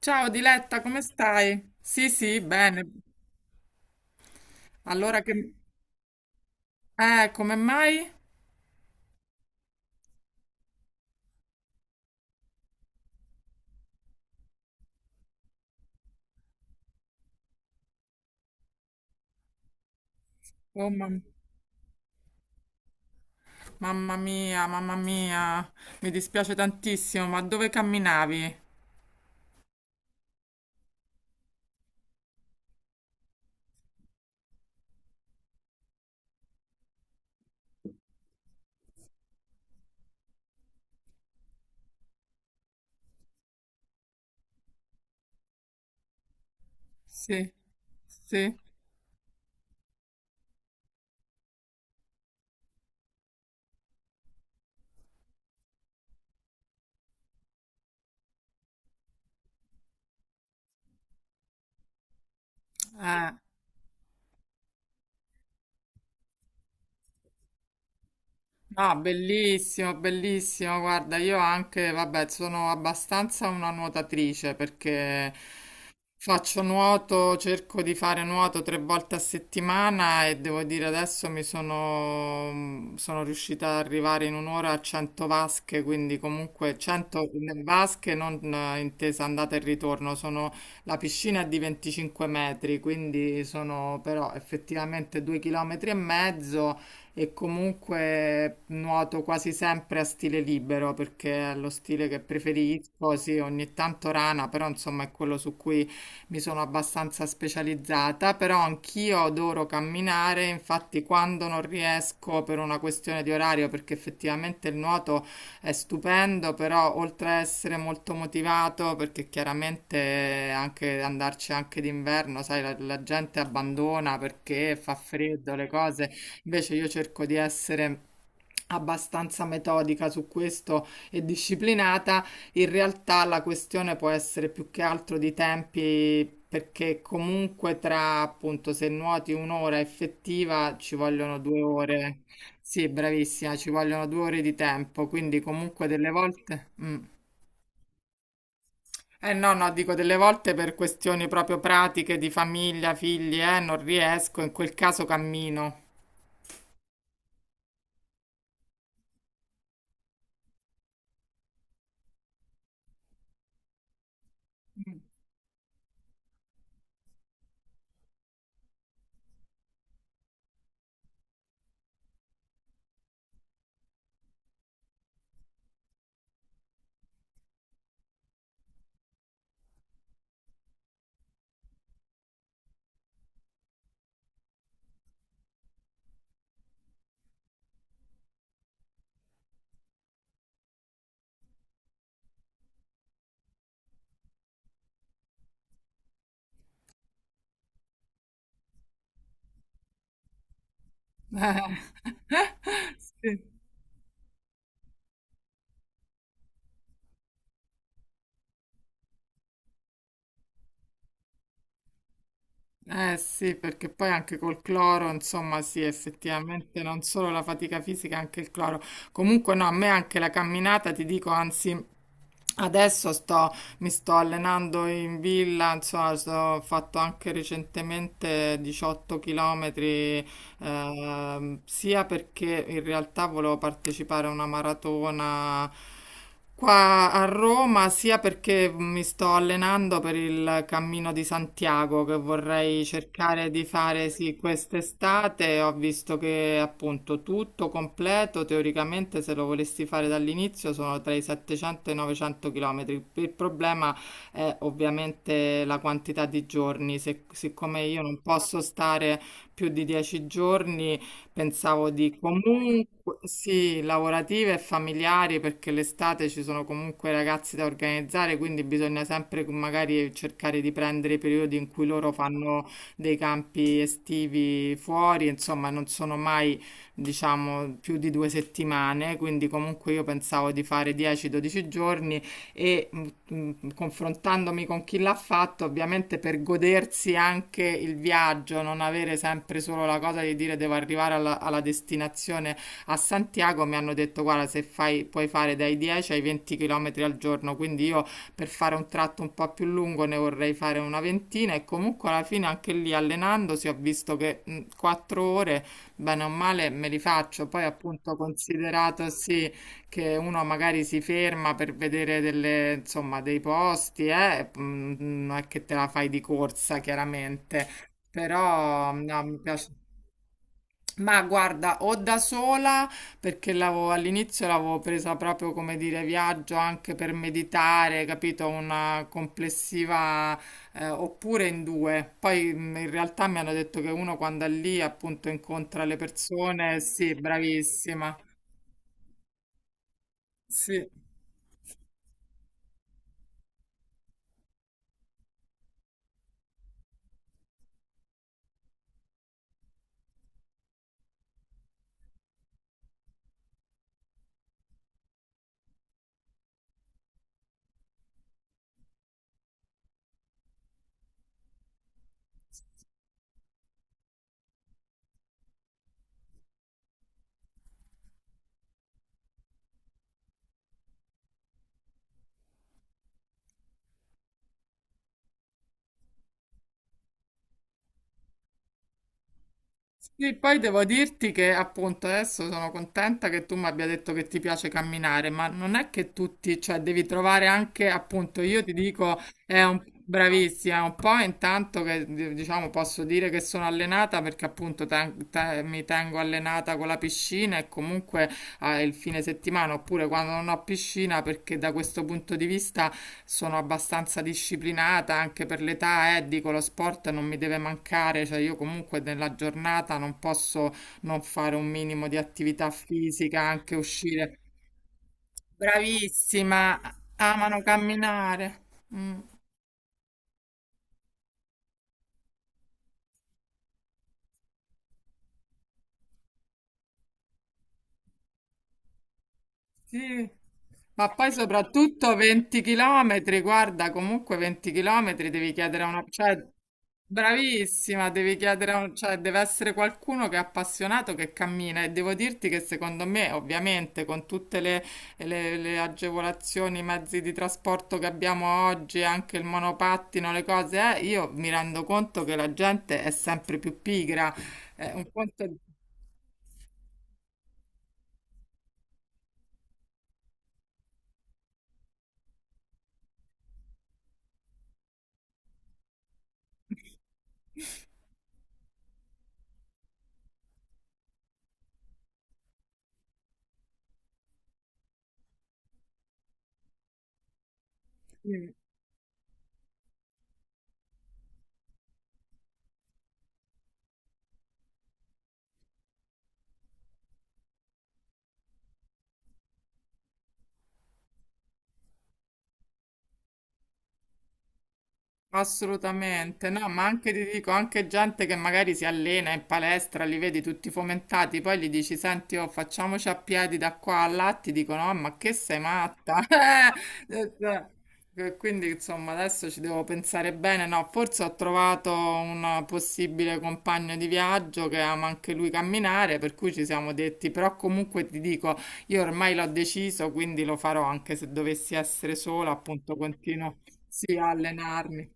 Ciao Diletta, come stai? Sì, sì, bene. Allora che... come mai? Oh, mamma mia, mi dispiace tantissimo, ma dove camminavi? Sì, sì. Eh, No, bellissimo, bellissimo. Guarda, io anche, vabbè, sono abbastanza una nuotatrice perché faccio nuoto, cerco di fare nuoto tre volte a settimana e devo dire adesso sono riuscita ad arrivare in un'ora a 100 vasche, quindi comunque 100 vasche non intesa andata e ritorno, sono, la piscina è di 25 metri, quindi sono però effettivamente 2 chilometri e mezzo e comunque nuoto quasi sempre a stile libero perché è lo stile che preferisco, sì, ogni tanto rana, però insomma è quello su cui mi sono abbastanza specializzata, però anch'io adoro camminare, infatti quando non riesco per una questione di orario, perché effettivamente il nuoto è stupendo, però oltre a essere molto motivato, perché chiaramente anche andarci anche d'inverno, sai, la gente abbandona perché fa freddo, le cose, invece io cerco di essere abbastanza metodica su questo e disciplinata, in realtà la questione può essere più che altro di tempi. Perché comunque tra appunto se nuoti un'ora effettiva ci vogliono 2 ore. Sì, bravissima, ci vogliono 2 ore di tempo, quindi comunque delle volte. Mm. Eh no, no, dico delle volte per questioni proprio pratiche di famiglia, figli, non riesco, in quel caso cammino. Sì. Eh sì, perché poi anche col cloro, insomma, sì, effettivamente non solo la fatica fisica, anche il cloro. Comunque no, a me anche la camminata, ti dico, anzi, adesso mi sto allenando in villa, insomma, ho fatto anche recentemente 18 chilometri sia perché in realtà volevo partecipare a una maratona qua a Roma, sia perché mi sto allenando per il Cammino di Santiago che vorrei cercare di fare sì quest'estate. Ho visto che appunto tutto completo, teoricamente se lo volessi fare dall'inizio sono tra i 700 e i 900 km. Il problema è ovviamente la quantità di giorni, siccome io non posso stare più di 10 giorni, pensavo di comunque, sì, lavorative e familiari, perché l'estate ci sono comunque ragazzi da organizzare, quindi bisogna sempre magari cercare di prendere i periodi in cui loro fanno dei campi estivi fuori, insomma, non sono mai, diciamo, più di 2 settimane, quindi comunque io pensavo di fare 10-12 giorni e confrontandomi con chi l'ha fatto, ovviamente per godersi anche il viaggio, non avere sempre solo la cosa di dire devo arrivare alla destinazione a Santiago, mi hanno detto guarda se fai, puoi fare dai 10 ai 20 km al giorno, quindi io per fare un tratto un po' più lungo ne vorrei fare una ventina e comunque alla fine anche lì allenandosi ho visto che 4 ore, bene o male, me li faccio, poi appunto considerato sì che uno magari si ferma per vedere delle, insomma, dei posti, eh? Non è che te la fai di corsa, chiaramente, però no, mi piace. Ma guarda, o da sola, perché all'inizio l'avevo presa proprio come dire viaggio anche per meditare, capito? Una complessiva, oppure in due. Poi in realtà mi hanno detto che uno quando è lì appunto incontra le persone, sì, bravissima. Sì. Sì, poi devo dirti che appunto adesso sono contenta che tu mi abbia detto che ti piace camminare, ma non è che tutti, cioè devi trovare anche appunto, io ti dico, bravissima, è un po' intanto che diciamo posso dire che sono allenata perché appunto mi tengo allenata con la piscina e comunque il fine settimana oppure quando non ho piscina perché da questo punto di vista sono abbastanza disciplinata anche per l'età, dico lo sport non mi deve mancare, cioè io comunque nella giornata non posso non fare un minimo di attività fisica, anche uscire. Bravissima, amano camminare. Mm, sì. Ma poi soprattutto 20 km, guarda, comunque 20 km devi chiedere a una... Cioè, bravissima, devi chiedere cioè deve essere qualcuno che è appassionato, che cammina e devo dirti che secondo me, ovviamente, con tutte le agevolazioni, i mezzi di trasporto che abbiamo oggi, anche il monopattino, le cose, io mi rendo conto che la gente è sempre più pigra. Un conto... è- Assolutamente, no, ma anche ti dico, anche gente che magari si allena in palestra, li vedi tutti fomentati, poi gli dici, senti, oh, facciamoci a piedi da qua a là, ti dicono, "Ah, ma che sei matta? Cioè, quindi, insomma, adesso ci devo pensare bene, no, forse ho trovato un possibile compagno di viaggio che ama anche lui camminare, per cui ci siamo detti, però comunque ti dico, io ormai l'ho deciso, quindi lo farò anche se dovessi essere sola, appunto, continuo, sì, a allenarmi.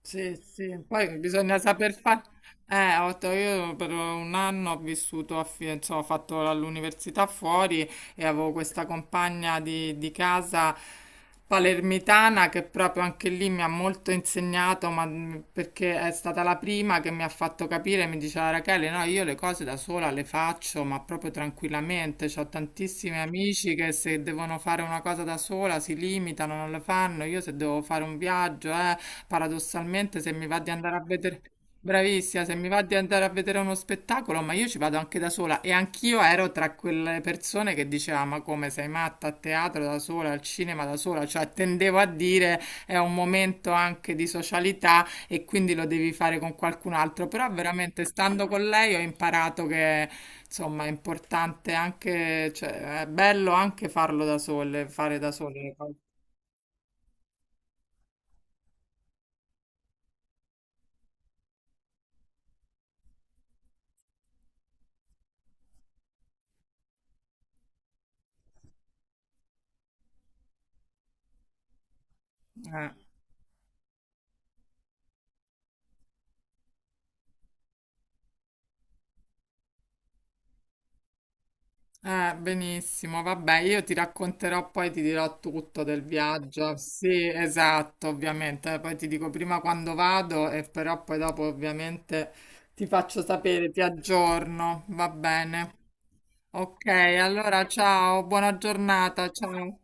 Sì, sì, poi bisogna saper fare. Ho detto, io per un anno ho vissuto, a insomma, ho fatto l'università fuori e avevo questa compagna di casa palermitana che proprio anche lì mi ha molto insegnato, ma perché è stata la prima che mi ha fatto capire, mi diceva Rachele, no, io le cose da sola le faccio, ma proprio tranquillamente, ho tantissimi amici che se devono fare una cosa da sola si limitano, non le fanno, io se devo fare un viaggio, eh. Paradossalmente, se mi va di andare a vedere, bravissima, se mi va di andare a vedere uno spettacolo, ma io ci vado anche da sola e anch'io ero tra quelle persone che diceva, ma come sei matta a teatro da sola, al cinema da sola, cioè tendevo a dire è un momento anche di socialità e quindi lo devi fare con qualcun altro, però veramente stando con lei ho imparato che insomma è importante anche, cioè è bello anche farlo da sole, fare da sole le cose. Eh. Benissimo, vabbè, io ti racconterò poi, ti dirò tutto del viaggio. Sì, esatto, ovviamente. Poi ti dico prima quando vado e però poi dopo ovviamente ti faccio sapere, ti aggiorno, va bene. Ok, allora ciao, buona giornata, ciao.